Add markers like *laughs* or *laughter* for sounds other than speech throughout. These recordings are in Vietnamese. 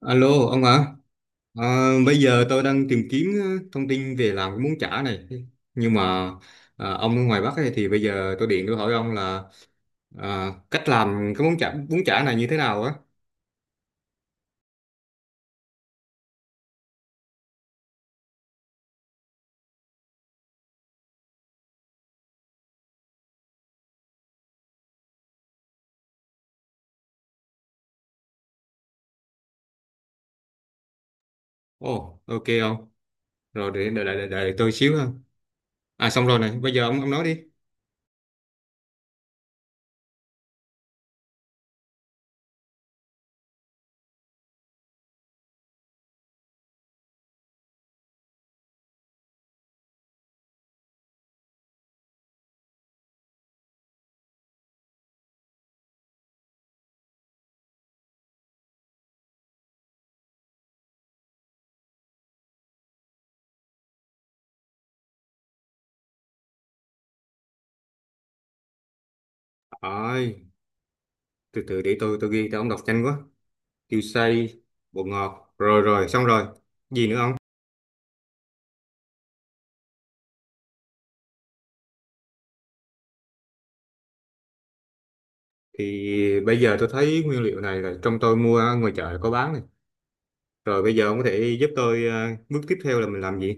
Alo ông ạ. Bây giờ tôi đang tìm kiếm thông tin về làm cái bún chả này, nhưng mà ông ở ngoài Bắc ấy, thì bây giờ tôi điện tôi hỏi ông là cách làm cái món chả bún chả này như thế nào á. Ồ, ok ông, rồi để đợi tôi xíu ha. À, xong rồi này, bây giờ ông nói đi. Ôi, từ từ để tôi ghi, tôi ông đọc nhanh quá. Tiêu xay, bột ngọt, rồi rồi xong rồi, gì nữa ông? Thì bây giờ tôi thấy nguyên liệu này là trong tôi mua ở ngoài chợ có bán này. Rồi bây giờ ông có thể giúp tôi bước tiếp theo là mình làm gì?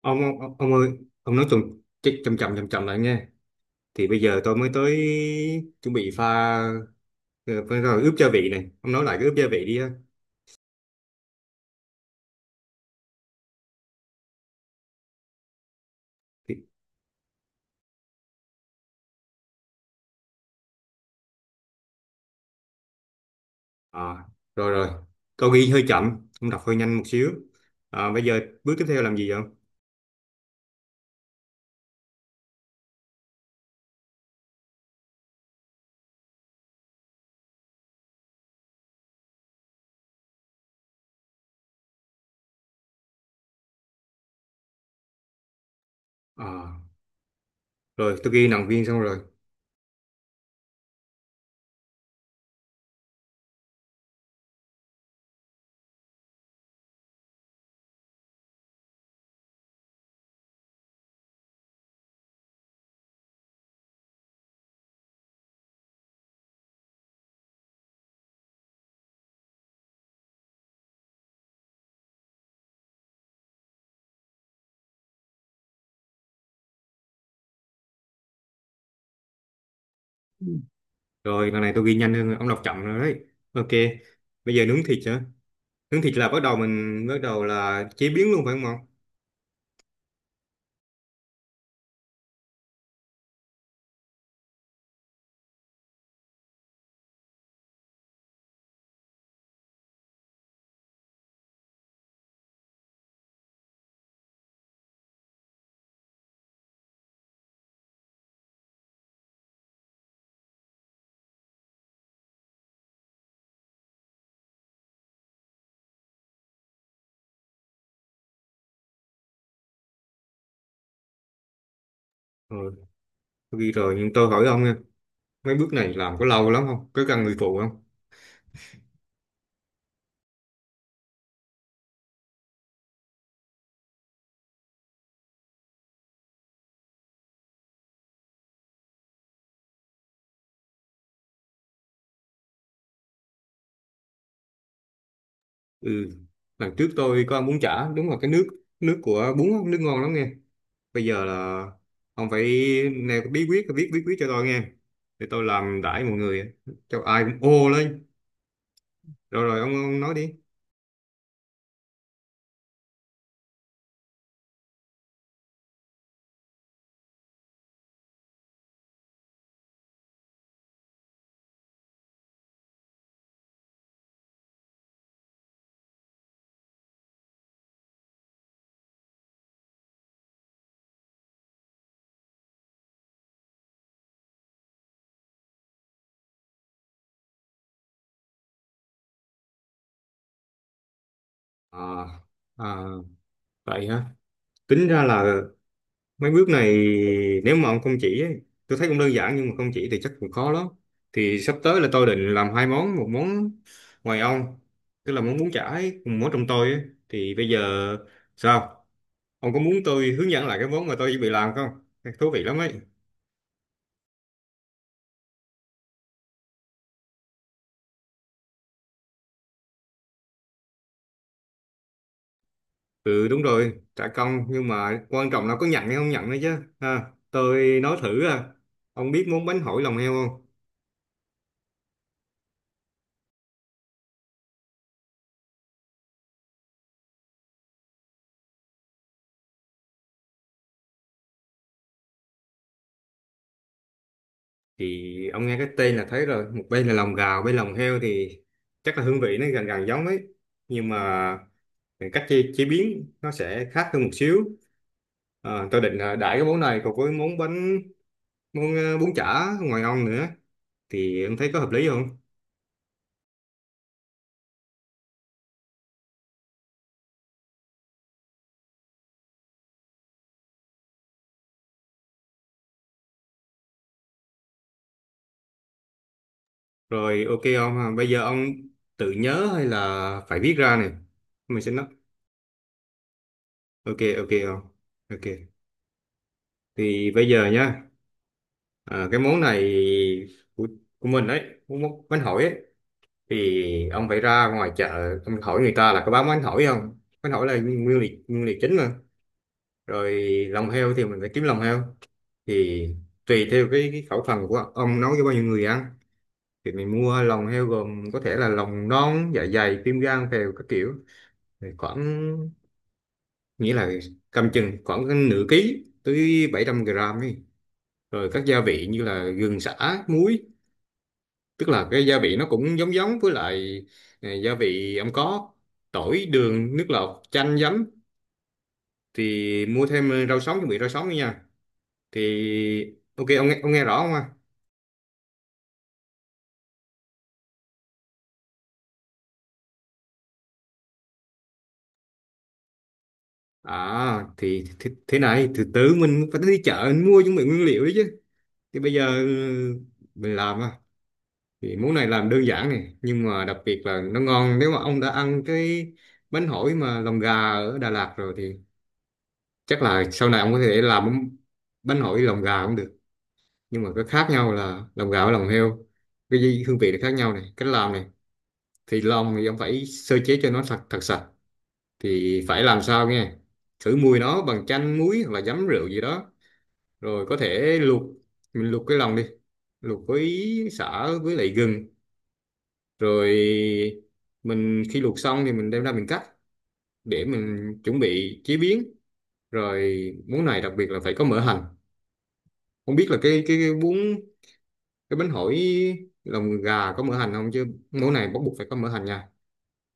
Ông ơi, ông nói chậm chậm chậm chậm chậm lại nha. Thì bây giờ tôi mới tới chuẩn bị pha, ờ, phải rồi, ướp gia vị này. Ông nói lại cái ướp gia vị đi á. Thì, à, rồi rồi. Câu ghi hơi chậm, ông đọc hơi nhanh một xíu. À, bây giờ bước tiếp theo làm gì vậy ông? À, rồi tôi ghi nòng viên xong rồi. Rồi lần này tôi ghi nhanh hơn, ông đọc chậm rồi đấy. Ok. Bây giờ nướng thịt hả? Nướng thịt là bắt đầu mình bắt đầu là chế biến luôn phải không ông? Ừ, tôi ghi rồi nhưng tôi hỏi ông nha, mấy bước này làm có lâu lắm không, có cần người phụ không? Ừ, lần trước tôi có ăn bún chả, đúng là cái nước, nước của bún á, nước ngon lắm nghe. Bây giờ là ông phải nêu cái bí quyết, viết bí quyết cho tôi nghe để tôi làm đãi mọi người, cho ai cũng ô lên. Rồi rồi ông nói đi. À, à, vậy hả. Tính ra là mấy bước này, nếu mà ông không chỉ ấy, tôi thấy cũng đơn giản, nhưng mà không chỉ thì chắc cũng khó lắm. Thì sắp tới là tôi định làm hai món, một món ngoài ông, tức là món bún chả ấy, một món trong tôi ấy. Thì bây giờ sao? Ông có muốn tôi hướng dẫn lại cái món mà tôi chuẩn bị làm không? Thú vị lắm ấy. Ừ đúng rồi, trả công, nhưng mà quan trọng là có nhận hay không nhận nữa chứ. Ha, tôi nói thử à. Ông biết món bánh hỏi lòng heo không? Thì ông nghe cái tên là thấy rồi, một bên là lòng gà, bên lòng heo thì chắc là hương vị nó gần gần giống ấy, nhưng mà cách chế biến nó sẽ khác hơn một xíu. À, tôi định là đãi cái món này cùng với món bánh, món bún chả ngoài ông nữa, thì ông thấy có hợp lý không? Rồi ok ông, bây giờ ông tự nhớ hay là phải viết ra này, mình sẽ nói. Ok ok ông. Ok, thì bây giờ nha, cái món này của, của mình đấy, món món bánh hỏi ấy, thì ông phải ra ngoài chợ ông hỏi người ta là có bán bánh hỏi không. Bánh hỏi là nguyên liệu chính mà. Rồi lòng heo thì mình phải kiếm lòng heo. Thì tùy theo cái khẩu phần của ông nấu cho bao nhiêu người ăn, thì mình mua lòng heo gồm có thể là lòng non, dạ dày, tim, gan, phèo các kiểu. Thì khoảng, nghĩa là cầm chừng khoảng cái nửa ký tới 700 gram ấy. Rồi các gia vị như là gừng, sả, muối, tức là cái gia vị nó cũng giống giống với lại gia vị ông có: tỏi, đường, nước lọc, chanh, giấm. Thì mua thêm rau sống, chuẩn bị rau sống nữa nha. Thì ok ông nghe rõ không ạ? À thì thế này, từ từ mình phải đi chợ mình mua chuẩn bị nguyên liệu đấy chứ. Thì bây giờ ừ, mình làm à, thì món này làm đơn giản này, nhưng mà đặc biệt là nó ngon. Nếu mà ông đã ăn cái bánh hỏi mà lòng gà ở Đà Lạt rồi thì chắc là sau này ông có thể làm bánh hỏi lòng gà cũng được, nhưng mà cái khác nhau là lòng gạo, lòng heo. Hương vị là khác nhau này, cách làm này. Thì lòng thì ông phải sơ chế cho nó thật thật sạch. Thì phải làm sao nghe, khử mùi nó bằng chanh muối hoặc là giấm rượu gì đó. Rồi có thể luộc, mình luộc cái lòng đi, luộc với sả với lại gừng. Rồi mình khi luộc xong thì mình đem ra mình cắt để mình chuẩn bị chế biến. Rồi món này đặc biệt là phải có mỡ hành. Không biết là cái bún, cái bánh hỏi lòng gà có mỡ hành không, chứ món này bắt buộc phải có mỡ hành nha.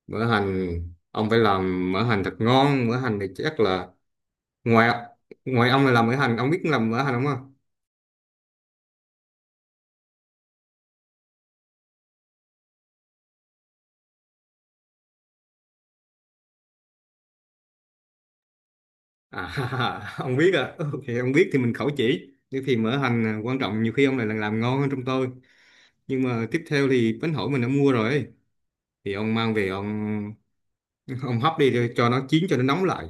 Mỡ hành, ông phải làm mỡ hành thật ngon. Mỡ hành thì chắc là ngoài ngoài ông là làm mỡ hành, ông biết làm mỡ hành không ạ? À *laughs* ông biết à *laughs* ok ông biết thì mình khẩu chỉ nhưng thì mỡ hành à, quan trọng nhiều khi ông lại là làm ngon hơn trong tôi. Nhưng mà tiếp theo thì bánh hỏi mình đã mua rồi, thì ông mang về ông *laughs* ông hấp đi rồi cho nó chín cho nó nóng lại.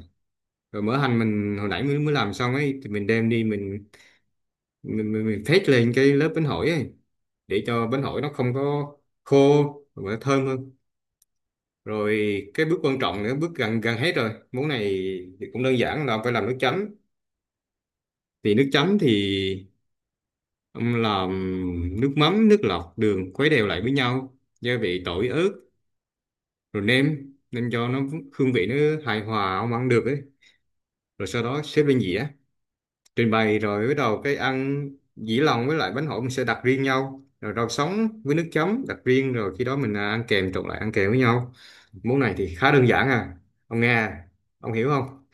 Rồi mỡ hành mình hồi nãy mới mới làm xong ấy thì mình đem đi mình, mình phết lên cái lớp bánh hỏi ấy để cho bánh hỏi nó không có khô mà nó thơm hơn. Rồi cái bước quan trọng nữa, bước gần gần hết rồi món này, thì cũng đơn giản là phải làm nước chấm. Thì nước chấm thì ông làm nước mắm, nước lọc, đường, khuấy đều lại với nhau, gia vị tỏi ớt, rồi nêm nêm cho nó hương vị nó hài hòa, ông ăn được ấy. Rồi sau đó xếp lên dĩa, trình bày rồi bắt đầu cái ăn. Dĩ lòng với lại bánh hỏi mình sẽ đặt riêng nhau, rồi rau sống với nước chấm đặt riêng, rồi khi đó mình ăn kèm, trộn lại ăn kèm với nhau. Món này thì khá đơn giản à, ông nghe à? Ông hiểu không?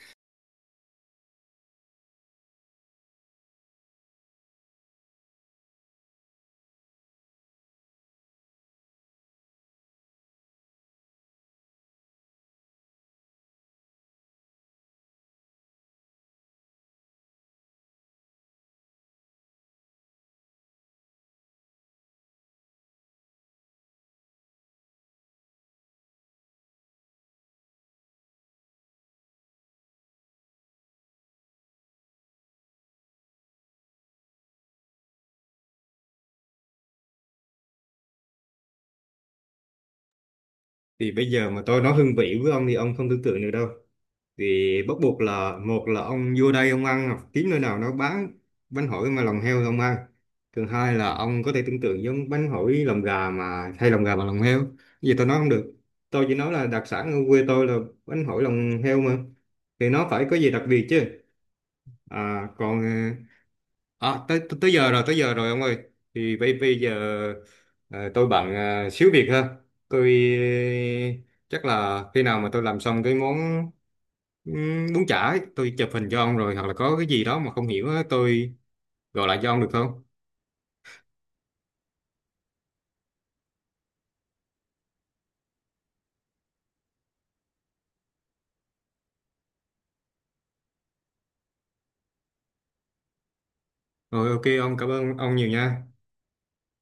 Thì bây giờ mà tôi nói hương vị với ông thì ông không tưởng tượng được đâu. Thì bắt buộc là, một là ông vô đây ông ăn, hoặc kiếm nơi nào nó bán bánh hỏi mà lòng heo thì ông ăn. Thứ hai là ông có thể tưởng tượng giống bánh hỏi lòng gà mà thay lòng gà bằng lòng heo. Cái gì tôi nói không được, tôi chỉ nói là đặc sản ở quê tôi là bánh hỏi lòng heo mà, thì nó phải có gì đặc biệt chứ. À, còn à, tới tới giờ rồi ông ơi. Thì bây bây giờ ờ, tôi bận xíu việc ha. Tôi chắc là khi nào mà tôi làm xong cái món bún chả ấy, tôi chụp hình cho ông, rồi hoặc là có cái gì đó mà không hiểu á, tôi gọi lại cho ông được không? Rồi ok, ông, cảm ơn ông nhiều nha.